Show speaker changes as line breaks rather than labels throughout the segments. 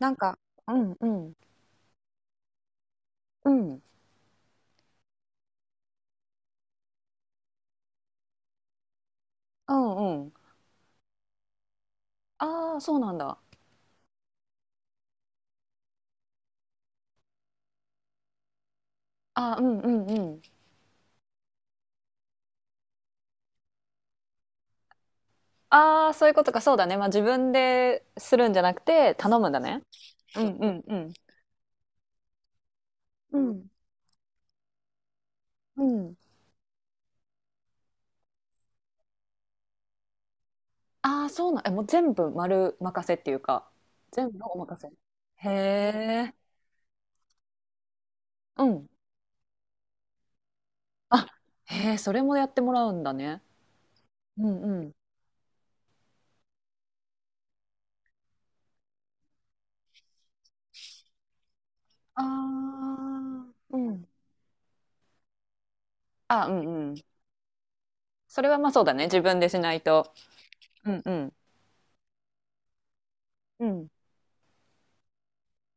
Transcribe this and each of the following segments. なんか、うんうんうんうん。うん。ああ、そうなんだ。あー、うんうんうん。ああ、そういうことか。そうだね。まあ自分でするんじゃなくて頼むんだね。うんうんうん。うん、うん。ああ、そうなん、え、もう全部丸任せっていうか、全部お任せ。へえ。うん。あ、へえ、それもやってもらうんだね。うんうん。ああ、うん。あ、うんうん。それはまあそうだね、自分でしないと。うんうんうん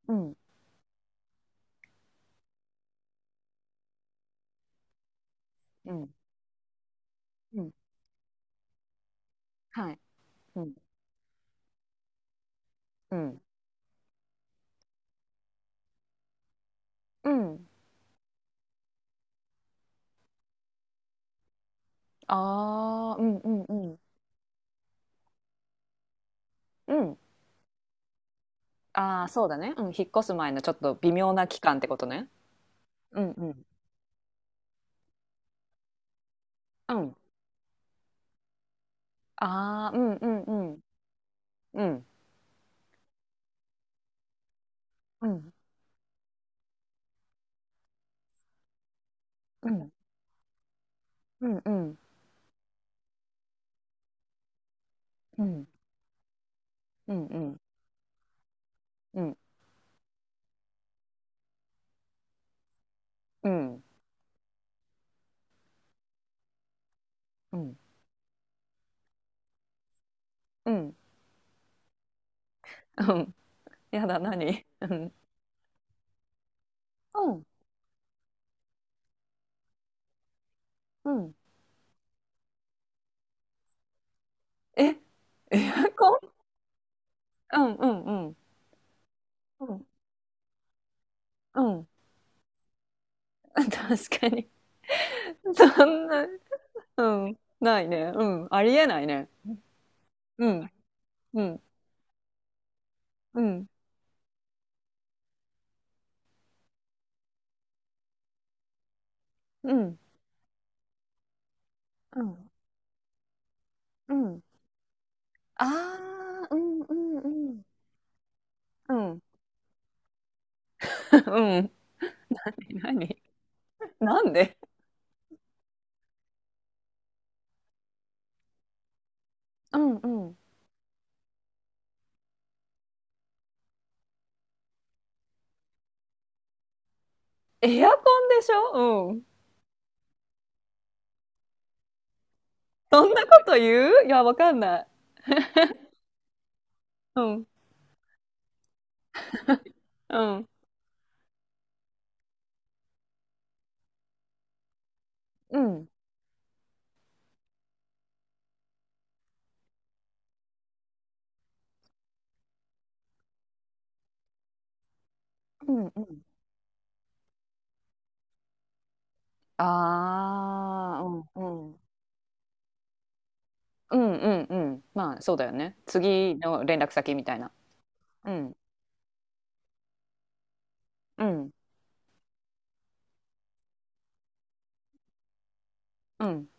うんうんうん。はい。うんうんうん。ああ、うんうんうん。うん。ああ、そうだね。うん、引っ越す前のちょっと微妙な期間ってことね。うんうんうん。ああ、うんうんうんうんうんうんうんうんうんうんうんうんうんうんうんうん。 やだ、何、うん。うんうん、え、こん、うんうんうんうんうん。確かに。そんな。うん、ないね。うん、ありえないね。うんうんうん。うん、うん、うん。ああ、うん、うん、うん。うん。うん。何、何、なに、なんで、うん、うん。エアコンでしょ、うん。そんなこと言う、いや、わかんない。うん、うん。うん、うん、うん。ああ、うん、うん。うんうんうん。まあそうだよね。次の連絡先みたいな。うん。うん。うん。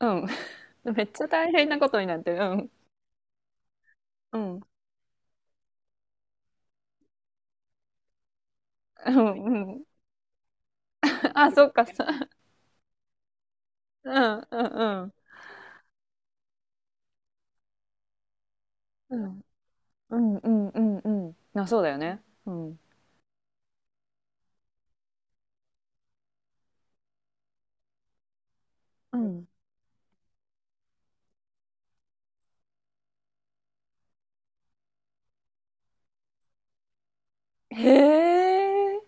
うん。めっちゃ大変なことになってる。うん。うん。うん。うん。あ、そっかさ。うんうんうん。うん。うんうんうんうん。あ、そうだよね。うん。うん。へえ。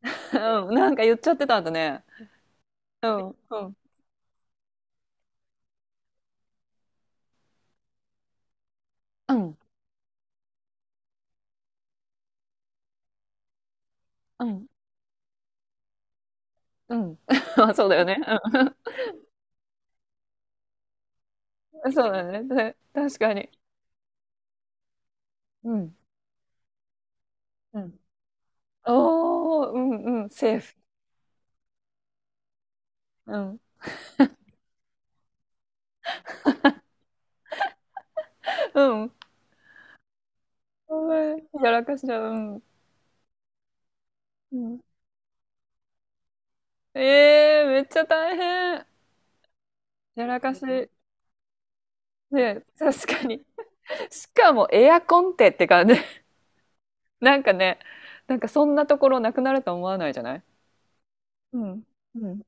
うん、なんか言っちゃってたんだね。うん、うん、うん、うん、うん。あ、そうだよね。うん。そうだよね。で、確かに。うん、うん。おお、うんうん、セーフ。うん、うん。ごめん、やらかしだ、うん、うん。ええ、めっちゃ大変。やらかし。ね、確かに。しかもエアコンってって感じ。なんかね、なんかそんなところなくなると思わないじゃない。うん。うん。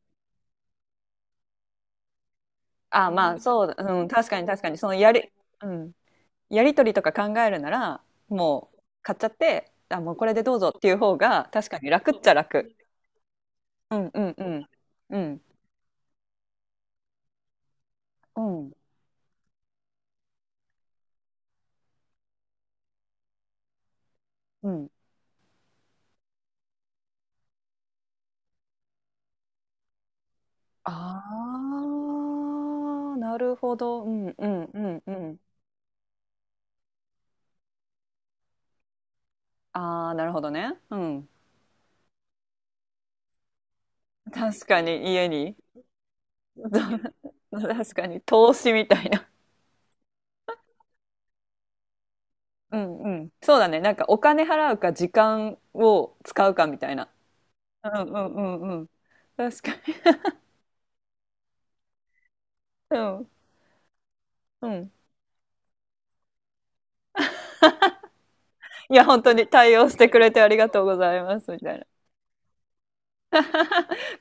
あ、まあ、そうだ、うん、確かに確かに、そのやり、うん、やりとりとか考えるなら、もう買っちゃって、あ、もうこれでどうぞっていう方が、確かに楽っちゃ楽。うんうんうん。うん、うん、うん。ああ、なるほど。うんうんうんうん。ああ、なるほどね。うん。確かに家に、確かに投資みたいな。うんうん。そうだね。なんかお金払うか時間を使うかみたいな。うんうんうんうん。確かに。うん。うん。いや、本当に対応してくれてありがとうございます、みたいな。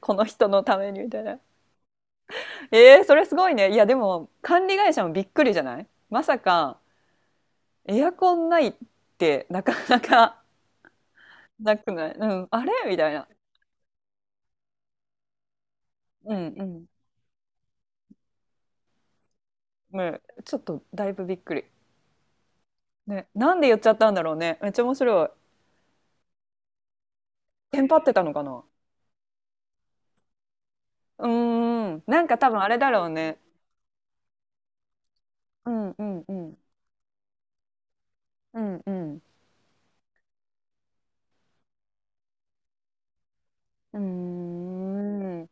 この人のために、みたいな。えー、それすごいね。いや、でも、管理会社もびっくりじゃない、まさか、エアコンないってなかなか。 なくない、うん。あれみたいな。うんうん。ね、ちょっとだいぶびっくり。ね。なんで言っちゃったんだろうね。めっちゃ面白い。テンパってたのかな。うーん。なんか多分あれだろうね。うんうんうん。うんうん。うーん。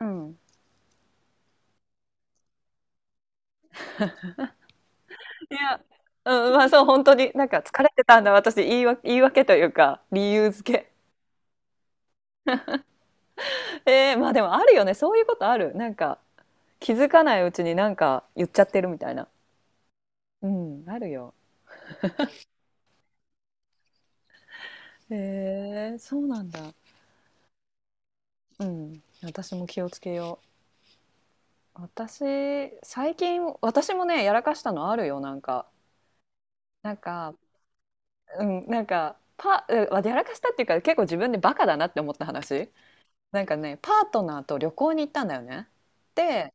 うん。いや、うん、まあそう、本当に、なんか疲れてたんだ、私、言い訳、言い訳というか、理由付け。えー、まあでもあるよね、そういうことある。気づかないうちになんか言っちゃってるみたいな。うん、あるよ。へえ、そうなんだ。うん、私も気をつけよう。私、最近、私もね、やらかしたのあるよ、なんか。なんか、うん、なんかパうやらかしたっていうか、結構自分でバカだなって思った話。なんかね、パートナーと旅行に行ったんだよね。で、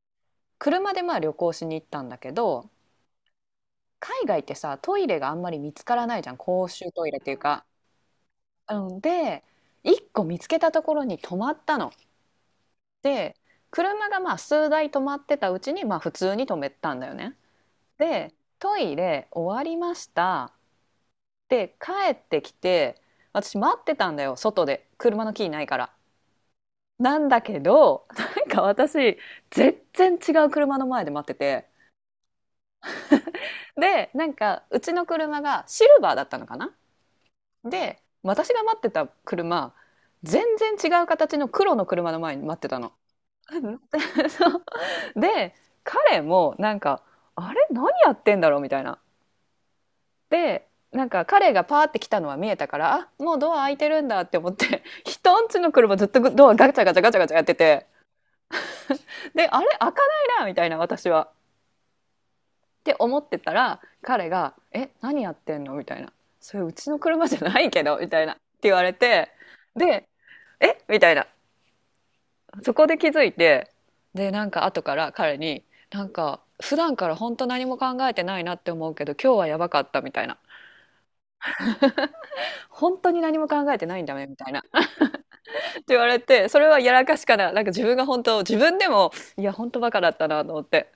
車でまあ旅行しに行ったんだけど、海外ってさ、トイレがあんまり見つからないじゃん、公衆トイレっていうか。うん、で、一個見つけたところに止まったの。で、車がまあ数台止まってたうちにまあ普通に止めたんだよね。で、トイレ終わりました。で、帰ってきて、私待ってたんだよ、外で、車のキーないから。なんだけど、なんか私、全然違う車の前で待ってて。で、なんか、うちの車がシルバーだったのかな。で、私が待ってた車、全然違う形の黒の車の前に待ってたの。で、彼もなんか、あれ何やってんだろうみたいな。で、なんか彼がパーって来たのは見えたから、あ、もうドア開いてるんだって思って、人んちの車ずっとドアガチャガチャガチャガチャやってて、で、あれ開かないなみたいな、私は。って思ってたら彼が「え、何やってんの？」みたいな、「それうちの車じゃないけど」みたいなって言われて、で「え」みたいな。そこで気づいて、で、なんか後から彼に、なんか普段から本当何も考えてないなって思うけど、今日はやばかったみたいな、本当に何も考えてないんだねみたいなって言われて、それはやらかしかな、なんか自分が本当、自分でも、いや本当バカだったなと思って。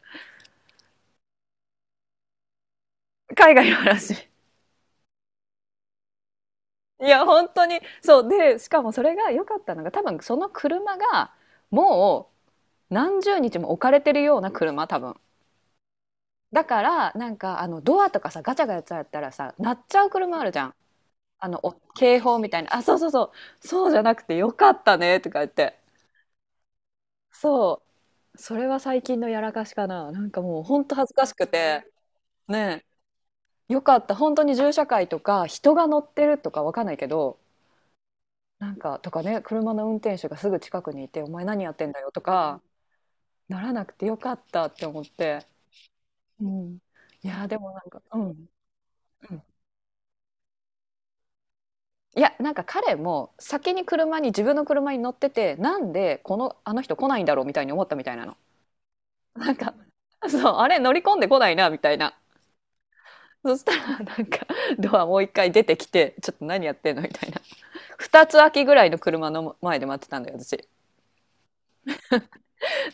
海外の話。いや、本当に。そう。で、しかもそれが良かったのが、多分その車が、もう何十日も置かれてるような車、多分。だから、なんか、あの、ドアとかさ、ガチャガチャやったらさ、鳴っちゃう車あるじゃん。あの、お警報みたいな。あ、そうそうそう。そうじゃなくて良かったね、とか言って。そう。それは最近のやらかしかな。なんかもう、本当恥ずかしくて。ねえ。良かった。本当に銃社会とか、人が乗ってるとかわかんないけど、なんかとかね、車の運転手がすぐ近くにいて「お前何やってんだよ」とかならなくてよかったって思って。うん。いや、でもなんか、うん、うん。いや、なんか彼も先に車に、自分の車に乗ってて、なんでこのあの人来ないんだろうみたいに思ったみたいなの。なんか、そう、あれ乗り込んでこないなみたいな。そしたらなんかドアもう一回出てきて、ちょっと何やってんのみたいな。2つ空きぐらいの車の前で待ってたんだよ、私。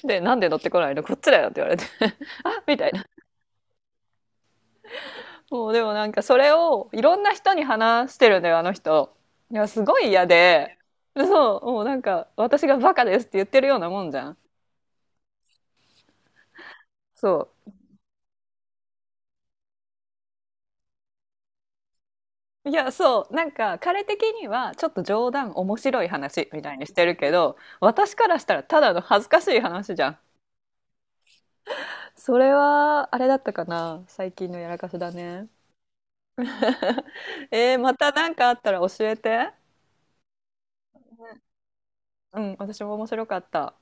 で、なんで乗ってこないの、こっちだよって言われて、あ、みたいな。そう、でもなんかそれをいろんな人に話してるんだよ、あの人。いや、すごい嫌で、そう、もうなんか私がバカですって言ってるようなもんじゃん。そう。いや、そう、なんか彼的にはちょっと冗談、面白い話みたいにしてるけど、私からしたらただの恥ずかしい話じゃん。それは、あれだったかな。最近のやらかしだね。えー、またなんかあったら教えて。うん、私も面白かった。